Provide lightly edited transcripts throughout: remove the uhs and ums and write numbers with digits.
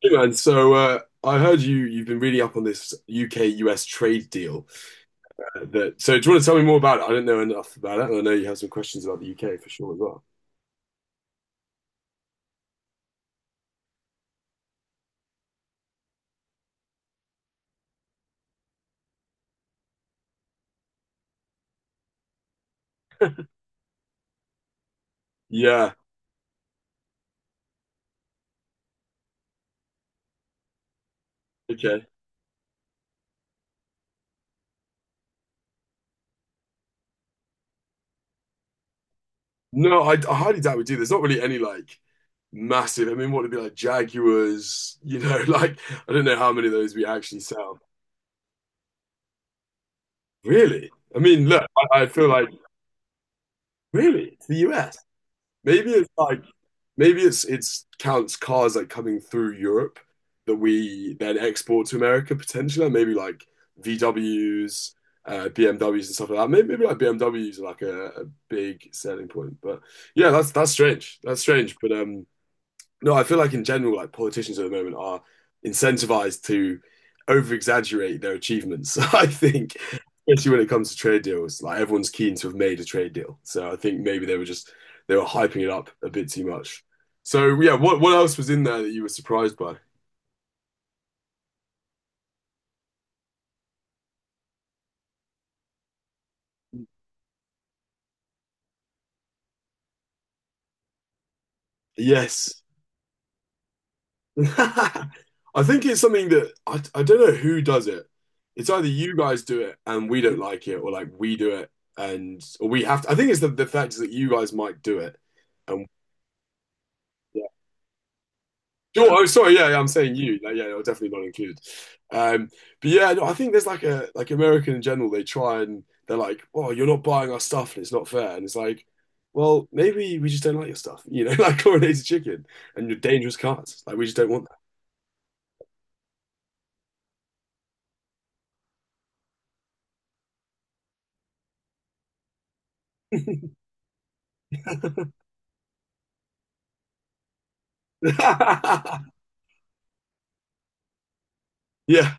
Hey man, I heard you've been really up on this UK-US trade deal that so do you want to tell me more about it? I don't know enough about it, and I know you have some questions about the UK for sure as well. Yeah, okay. No, I highly doubt we do. There's not really any like massive. I mean, what would be like Jaguars? You know, like I don't know how many of those we actually sell. Really? I mean, look, I feel like really it's the US. Maybe it's like maybe it's counts cars like coming through Europe that we then export to America potentially, like, maybe like VWs, BMWs and stuff like that. Maybe like BMWs are like a big selling point. But yeah, that's strange. That's strange. But No, I feel like in general, like politicians at the moment are incentivized to over exaggerate their achievements. I think, especially when it comes to trade deals, like everyone's keen to have made a trade deal. So I think maybe they were hyping it up a bit too much. So yeah, what else was in there that you were surprised by? Yes. I think it's something that I don't know who does it. It's either you guys do it and we don't like it, or like we do it and or we have to. I think it's the fact is that you guys might do it and no, oh, sorry. Yeah, yeah, I'm saying you. Like, yeah, I are definitely not included. Um, but yeah, no, I think there's like a like American in general. They try and they're like, "Oh, you're not buying our stuff, and it's not fair." And it's like, well, maybe we just don't like your stuff. You know, like coronated chicken and your dangerous cards. Like we just don't want that. Yeah.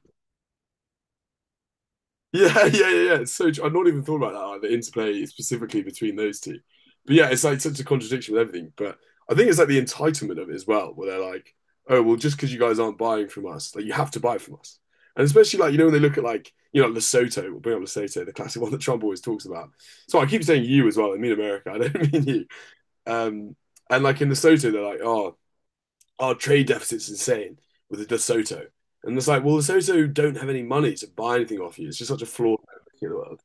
Yeah, yeah, yeah, yeah. It's so tr- I've not even thought about that, like the interplay specifically between those two. But yeah, it's like such a contradiction with everything. But I think it's like the entitlement of it as well, where they're like, oh, well, just because you guys aren't buying from us, like you have to buy from us. And especially like, you know, when they look at like, you know, Lesotho, we'll bring up Lesotho, the classic one that Trump always talks about. So I keep saying you as well, I mean America, I don't mean you. Um, and like in Lesotho, they're like, oh, our trade deficit's insane with the De Soto. And it's like, well, De Soto don't have any money to buy anything off you. It's just such a flawed in the world.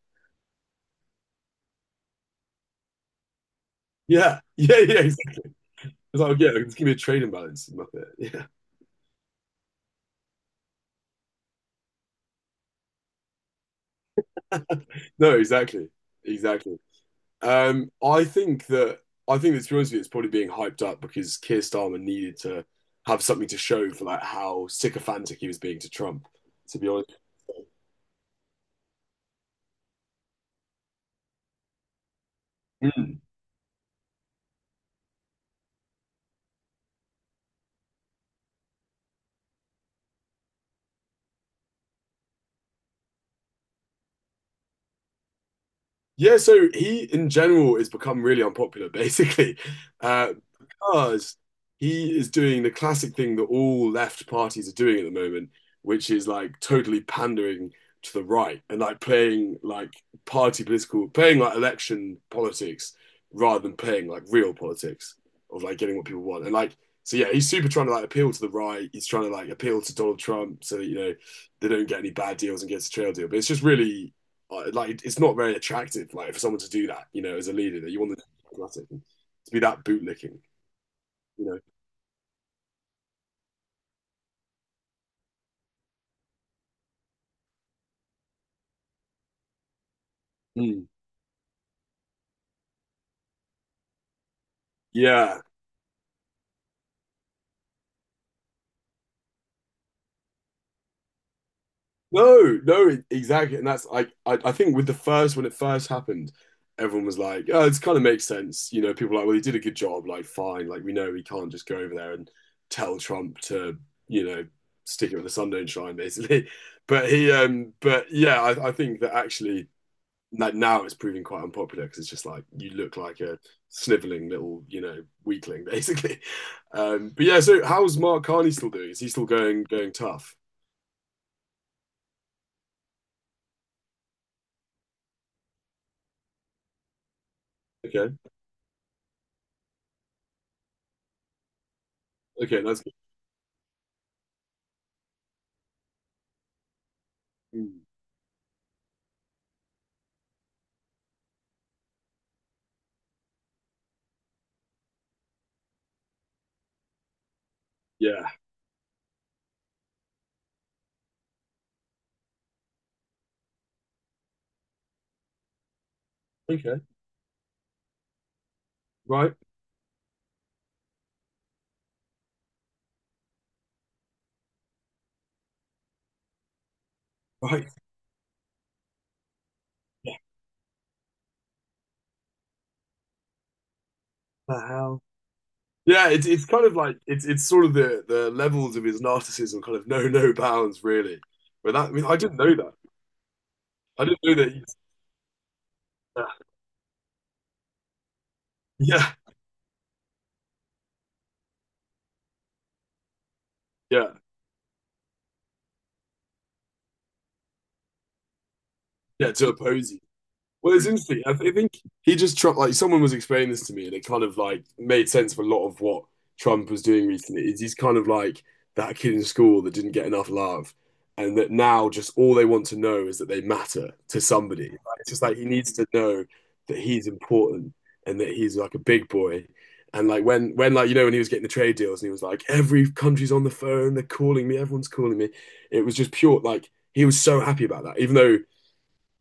Yeah, yeah, yeah. Exactly. It's like, yeah, just give me a trade imbalance. Muppet. Yeah. No, exactly. Exactly. Um, I think that I think that to be honest with you, it's probably being hyped up because Keir Starmer needed to have something to show for like how sycophantic he was being to Trump, to be honest. Yeah, so he in general has become really unpopular, basically, uh, because he is doing the classic thing that all left parties are doing at the moment, which is like totally pandering to the right and like playing like party political, playing like election politics rather than playing like real politics of like getting what people want. And like, so yeah, he's super trying to like appeal to the right. He's trying to like appeal to Donald Trump so that, you know, they don't get any bad deals and gets a trail deal. But it's just really, like it's not very attractive. Like for someone to do that, you know, as a leader, that you want to be that bootlicking, you know. Mm. Yeah. No, no, e, exactly. And that's like I think with the first when it first happened, everyone was like, "Oh, this kind of makes sense." You know, people were like, "Well, he did a good job." Like, fine. Like, we know we can't just go over there and tell Trump to, you know, stick it with the sun don't shine, basically. But he, but yeah, I think that actually no- now it's proving quite unpopular because it's just like you look like a sniveling little, you know, weakling basically. But yeah, so how's Mark Carney still doing? Is he still going tough? Okay, okay, that's good. Mm, yeah, okay, right, right. The hell? Yeah, it's it's sort of the levels of his narcissism kind of know no bounds really. But that I mean, I didn't know that. I didn't know that. He's, yeah, yeah, yeah, yeah. To oppose you. Well, it's interesting. I, th- I think he just Trump, like someone was explaining this to me, and it kind of like made sense for a lot of what Trump was doing recently. Is he's kind of like that kid in school that didn't get enough love, and that now just all they want to know is that they matter to somebody. Like, it's just like he needs to know that he's important and that he's like a big boy. And like when when he was getting the trade deals, and he was like, every country's on the phone, they're calling me, everyone's calling me. It was just pure like he was so happy about that, even though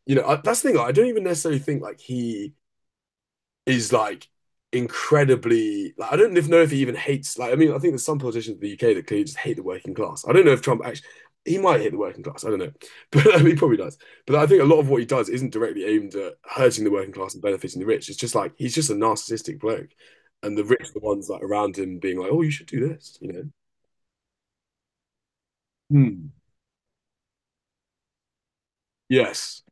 you know, I, that's the thing. Like, I don't even necessarily think like he is like incredibly. Like, I don't know if he even hates. Like, I mean, I think there's some politicians in the UK that clearly just hate the working class. I don't know if Trump actually. He might hate the working class. I don't know, but I mean, he probably does. But I think a lot of what he does isn't directly aimed at hurting the working class and benefiting the rich. It's just like he's just a narcissistic bloke, and the rich are the ones like around him being like, "Oh, you should do this," you know. Hmm. Yes,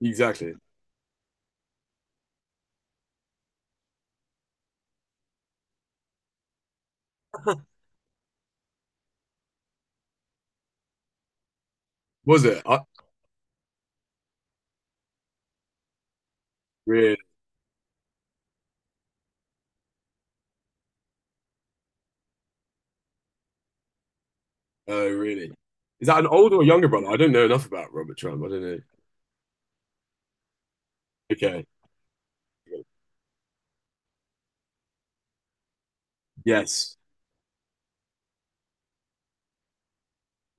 exactly. Was it? I really. Oh, really? Is that an older or younger brother? I don't know enough about Robert Trump. I don't know. Okay. Yes.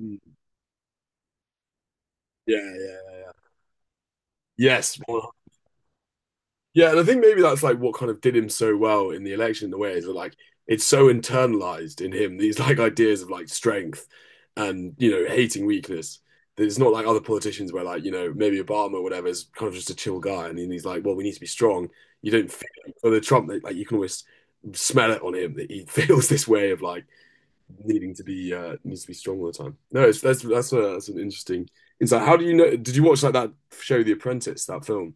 Mm. Yeah, yeah, yeah, yeah. Yes. Well, yeah, and I think maybe that's like what kind of did him so well in the election in a way is that like it's so internalized in him, these like ideas of like strength and, you know, hating weakness. That it's not like other politicians where like, you know, maybe Obama or whatever is kind of just a chill guy and then he's like, well, we need to be strong. You don't feel it. For the Trump, like you can always smell it on him that he feels this way of like needing to be needs to be strong all the time. No, it's, that's that's an interesting insight. How do you know? Did you watch like that show, The Apprentice, that film?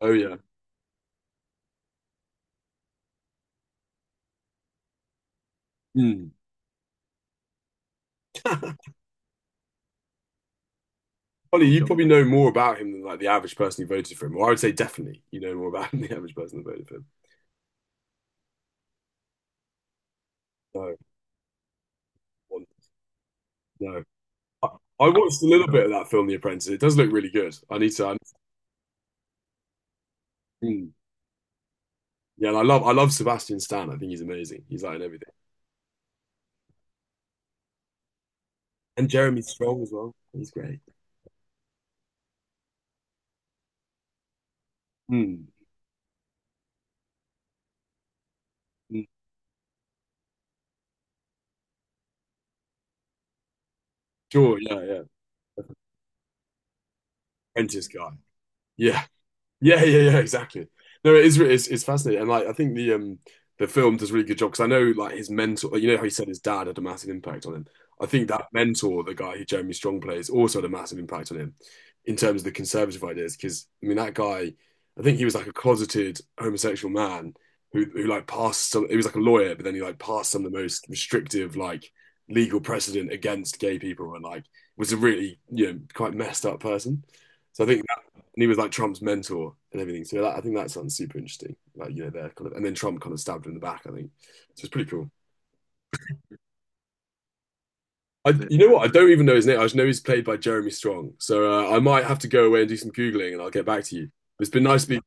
Oh yeah. Hmm. Ollie, you probably know more about him than like the average person who voted for him. Or I would say definitely you know more about him than the average person who voted for him. No, no. I, I watched a little bit of that film, The Apprentice. It does look really good. I need to. I, hmm. Yeah, and I love Sebastian Stan. I think he's amazing. He's like in everything. And Jeremy Strong as well. He's great. Hmm. Hmm. Sure. Yeah. Yeah. Apprentice guy. Yeah. Yeah, yeah, yeah, exactly. No, it is re- it's fascinating, and like I think the film does a really good job because I know like his mentor, like, you know how he said his dad had a massive impact on him. I think that mentor, the guy who Jeremy Strong plays, also had a massive impact on him in terms of the conservative ideas. Because I mean, that guy, I think he was like a closeted homosexual man who like passed some. He was like a lawyer, but then he like passed some of the most restrictive like legal precedent against gay people, and like was a really you know quite messed up person. So I think and he was like Trump's mentor and everything. So that, I think that sounds super interesting. Like you know, they're kind of, and then Trump kind of stabbed him in the back. I think so. It's pretty cool. I, you know what? I don't even know his name. I just know he's played by Jeremy Strong. So I might have to go away and do some googling, and I'll get back to you. It's been nice to be.